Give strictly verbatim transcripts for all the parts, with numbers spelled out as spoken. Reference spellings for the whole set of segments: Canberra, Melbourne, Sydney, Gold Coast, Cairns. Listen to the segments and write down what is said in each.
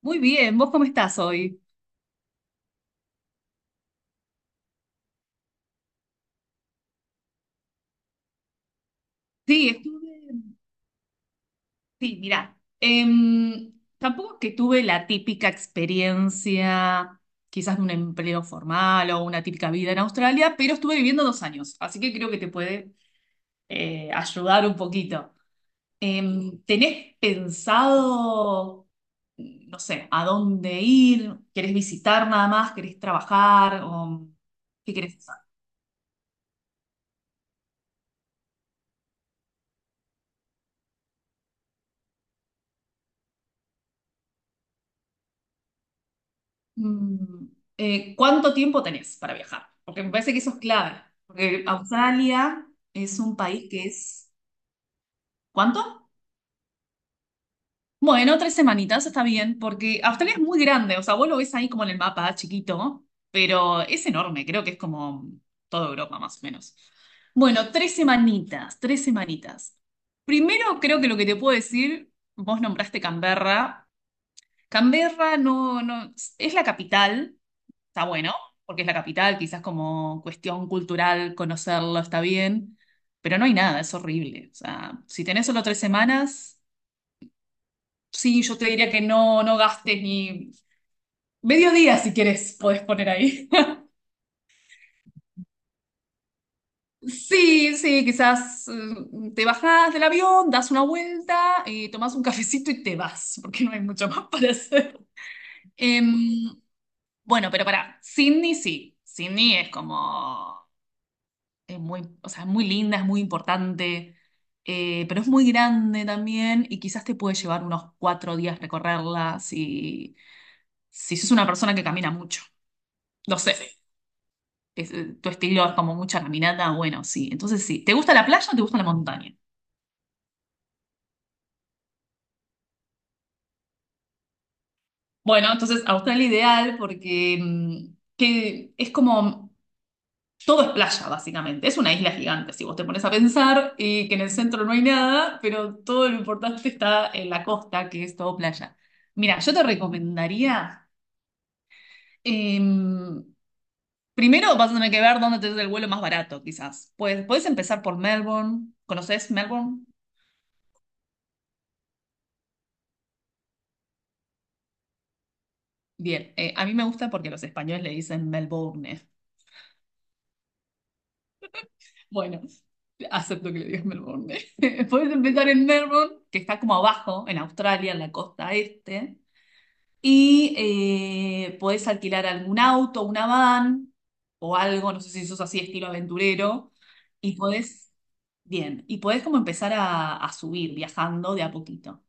Muy bien, ¿vos cómo estás hoy? Sí, estuve. Sí, mirá, em, tampoco es que tuve la típica experiencia, quizás de un empleo formal o una típica vida en Australia, pero estuve viviendo dos años, así que creo que te puede eh, ayudar un poquito. Em, ¿tenés pensado, no sé, a dónde ir? ¿Querés visitar nada más? ¿Querés trabajar? ¿O qué querés? Mm, eh, ¿Cuánto tiempo tenés para viajar? Porque me parece que eso es clave. Porque Australia es un país que es. ¿Cuánto? Bueno, tres semanitas está bien, porque Australia es muy grande. O sea, vos lo ves ahí como en el mapa, chiquito, pero es enorme. Creo que es como toda Europa, más o menos. Bueno, tres semanitas, tres semanitas. Primero, creo que lo que te puedo decir, vos nombraste Canberra. Canberra no, no, es la capital. Está bueno, porque es la capital, quizás como cuestión cultural conocerlo está bien, pero no hay nada, es horrible. O sea, si tenés solo tres semanas, sí, yo te diría que no, no gastes ni medio día. Si quieres, podés poner ahí. Sí, sí, quizás, eh, te bajás del avión, das una vuelta, y tomás un cafecito y te vas, porque no hay mucho más para hacer. Em, bueno, pero para Sydney sí. Sydney es como, eh, muy, o sea, es muy linda, es muy importante, eh, pero es muy grande también y quizás te puede llevar unos cuatro días recorrerla, si, si sos una persona que camina mucho. No sé. Sí, es, eh, tu estilo es como mucha caminata, bueno, sí. Entonces sí, ¿te gusta la playa o te gusta la montaña? Bueno, entonces Australia ideal porque, mm, que es como todo es playa, básicamente. Es una isla gigante, si vos te pones a pensar, y que en el centro no hay nada, pero todo lo importante está en la costa, que es todo playa. Mira, yo te recomendaría, em, primero vas a tener que ver dónde te es el vuelo más barato, quizás. Pues puedes empezar por Melbourne. ¿Conoces Melbourne? Bien, eh, a mí me gusta porque los españoles le dicen Melbourne. Bueno, acepto que le digas Melbourne. Puedes empezar en Melbourne, que está como abajo, en Australia, en la costa este. Y, eh, podés alquilar algún auto, una van o algo, no sé si sos así estilo aventurero, y podés, bien, y podés como empezar a, a subir viajando de a poquito.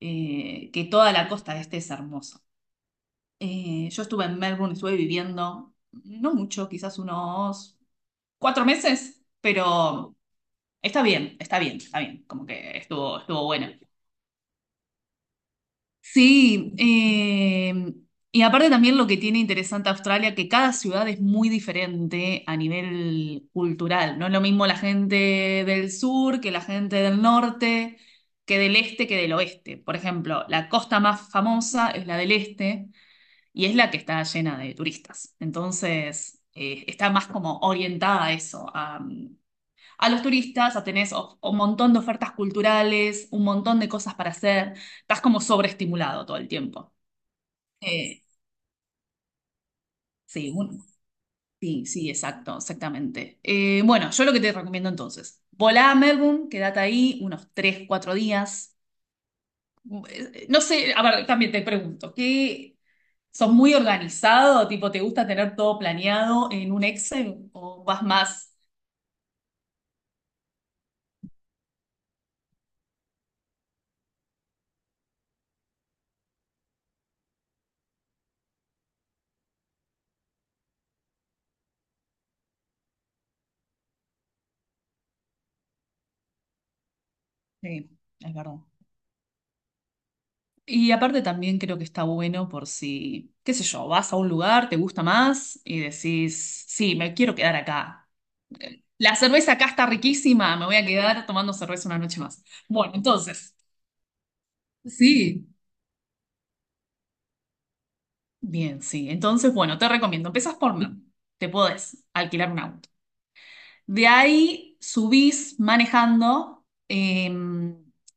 Eh, que toda la costa este es hermosa. Eh, yo estuve en Melbourne, estuve viviendo, no mucho, quizás unos cuatro meses, pero está bien, está bien, está bien, como que estuvo, estuvo bueno. Sí, eh, y aparte también lo que tiene interesante Australia, que cada ciudad es muy diferente a nivel cultural. No es lo mismo la gente del sur que la gente del norte, que del este, que del oeste. Por ejemplo, la costa más famosa es la del este y es la que está llena de turistas. Entonces, eh, está más como orientada a eso, a los turistas, a tenés of- un montón de ofertas culturales, un montón de cosas para hacer, estás como sobreestimulado todo el tiempo. Eh, sí, un- sí, sí, exacto, exactamente. Eh, bueno, yo lo que te recomiendo entonces, volá a Melbourne, quédate ahí unos tres, cuatro días. Eh, No sé, a ver, también te pregunto, ¿qué, sos muy organizado? Tipo, ¿te gusta tener todo planeado en un Excel o vas más? Sí, es verdad. Y aparte también creo que está bueno por si, qué sé yo, vas a un lugar, te gusta más y decís, sí, me quiero quedar acá. La cerveza acá está riquísima, me voy a quedar tomando cerveza una noche más. Bueno, entonces, sí, bien, sí. Entonces, bueno, te recomiendo, empezás por mí, te podés alquilar un auto. De ahí subís manejando, eh,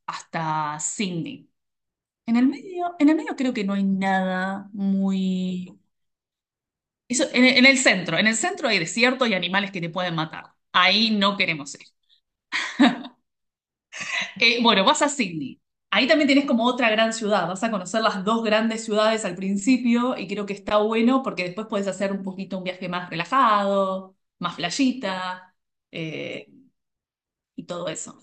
hasta Sydney. En el medio, en el medio creo que no hay nada muy. Eso, en, el en el centro, en el centro hay desierto y animales que te pueden matar. Ahí no queremos ir. Eh, bueno, vas a Sydney. Ahí también tenés como otra gran ciudad. Vas a conocer las dos grandes ciudades al principio y creo que está bueno porque después puedes hacer un poquito un viaje más relajado, más playita, eh, y todo eso.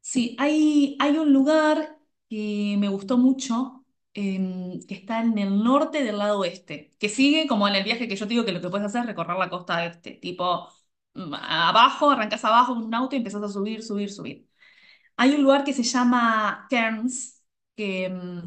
Sí, hay, hay un lugar que me gustó mucho, em, que está en el norte del lado oeste, que sigue como en el viaje que yo te digo que lo que puedes hacer es recorrer la costa este, tipo, mm, abajo, arrancás abajo con un auto y empezás a subir, subir, subir. Hay un lugar que se llama Cairns, que, em,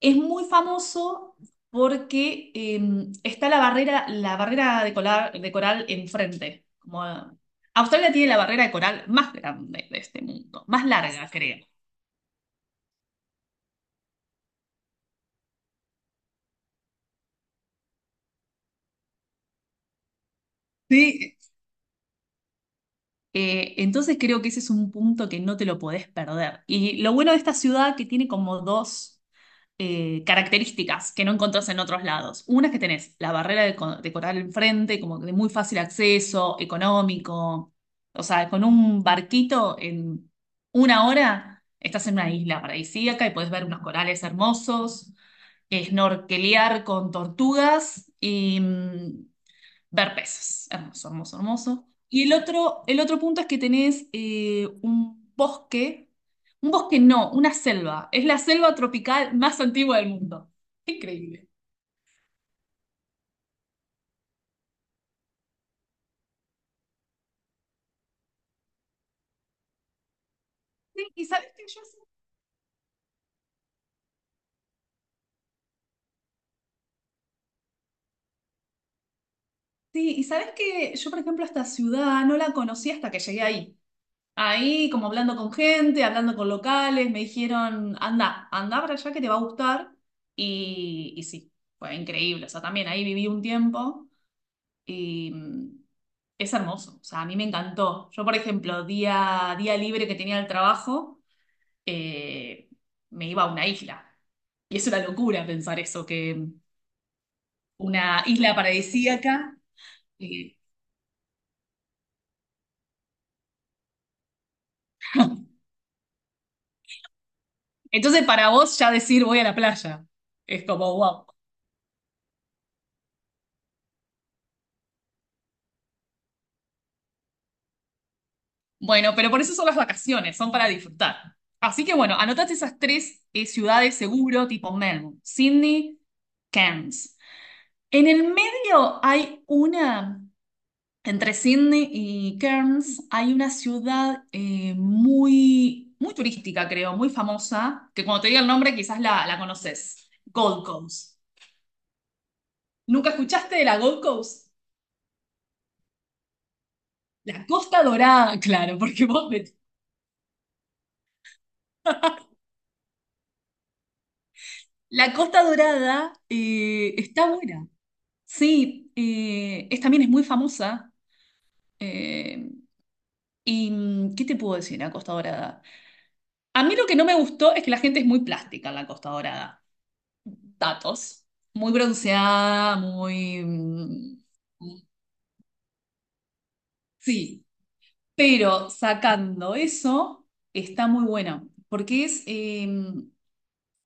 es muy famoso porque, eh, está la barrera, la barrera de coral, de coral enfrente. Como, ah, Australia tiene la barrera de coral más grande de este mundo, más larga, creo. Sí. Eh, entonces creo que ese es un punto que no te lo podés perder. Y lo bueno de esta ciudad que tiene como dos, eh, características que no encontrás en otros lados. Una es que tenés la barrera de, co- de coral enfrente, como de muy fácil acceso, económico. O sea, con un barquito en una hora estás en una isla paradisíaca y podés ver unos corales hermosos, snorkelear con tortugas y, mm, ver peces. Hermoso, hermoso, hermoso. Y el otro, el otro punto es que tenés, eh, un bosque, un bosque no, una selva. Es la selva tropical más antigua del mundo. Increíble. Sí, y sabes que yo, sí, y sabes que yo, por ejemplo, esta ciudad no la conocí hasta que llegué ahí. Ahí, como hablando con gente, hablando con locales, me dijeron, anda, anda para allá que te va a gustar. Y, y sí, fue increíble. O sea, también ahí viví un tiempo. Y, mm, es hermoso, o sea, a mí me encantó. Yo, por ejemplo, día, día libre que tenía del trabajo, eh, me iba a una isla. Y es una locura pensar eso, que una isla paradisíaca. eh, Entonces, para vos ya decir voy a la playa, es como, wow. Bueno, pero por eso son las vacaciones, son para disfrutar. Así que bueno, anotaste esas tres, eh, ciudades seguro, tipo Melbourne, Sydney, Cairns. En el medio hay una Entre Sydney y Cairns hay una ciudad, eh, muy, muy turística, creo, muy famosa, que cuando te diga el nombre quizás la, la conoces, Gold Coast. ¿Nunca escuchaste de la Gold Coast? La Costa Dorada, claro, porque vos, me- La Costa Dorada, eh, está buena. Sí, eh, es, también es muy famosa. eh, ¿Y, mm, qué te puedo decir de la Costa Dorada? A mí lo que no me gustó es que la gente es muy plástica en la Costa Dorada. Datos. Muy bronceada, muy, mm, sí, pero sacando eso, está muy buena, porque es, eh,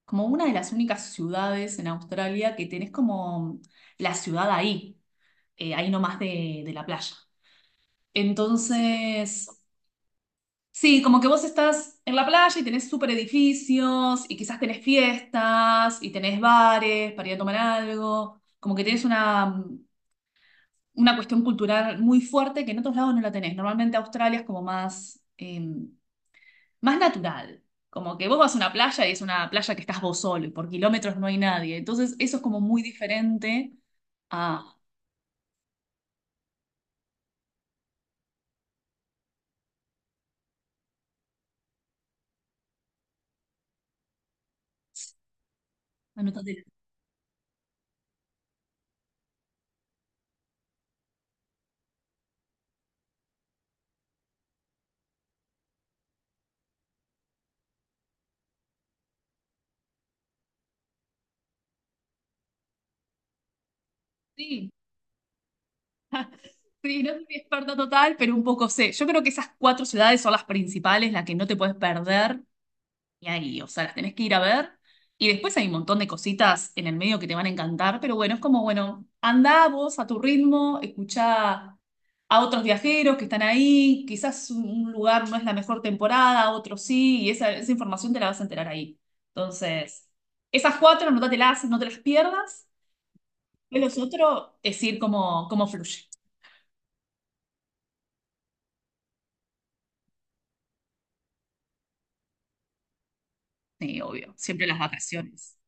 como una de las únicas ciudades en Australia que tenés como la ciudad ahí, eh, ahí nomás de, de la playa. Entonces, sí, como que vos estás en la playa y tenés super edificios y quizás tenés fiestas y tenés bares para ir a tomar algo, como que tenés una una cuestión cultural muy fuerte que en otros lados no la tenés. Normalmente Australia es como más, eh, más natural. Como que vos vas a una playa y es una playa que estás vos solo y por kilómetros no hay nadie. Entonces, eso es como muy diferente a, a Nutatela. Sí, sí, no soy experta total, pero un poco sé. Yo creo que esas cuatro ciudades son las principales, las que no te puedes perder. Y ahí, o sea, las tenés que ir a ver. Y después hay un montón de cositas en el medio que te van a encantar, pero bueno, es como, bueno, andá vos a tu ritmo, escuchá a otros viajeros que están ahí, quizás un un lugar no es la mejor temporada, otro sí, y esa, esa información te la vas a enterar ahí. Entonces, esas cuatro, anótatelas, no te las pierdas, y los otros es ir como, como fluye. Sí, obvio, siempre las vacaciones.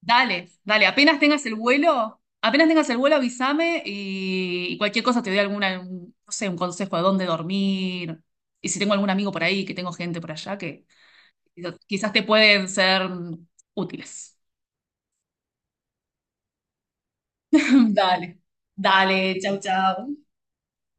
Dale, dale, apenas tengas el vuelo, apenas tengas el vuelo, avísame y, y cualquier cosa te doy alguna, un- no sé, un consejo de dónde dormir. Y si tengo algún amigo por ahí, que tengo gente por allá que quizá- quizás te pueden ser útiles. Dale, dale, chau, chau.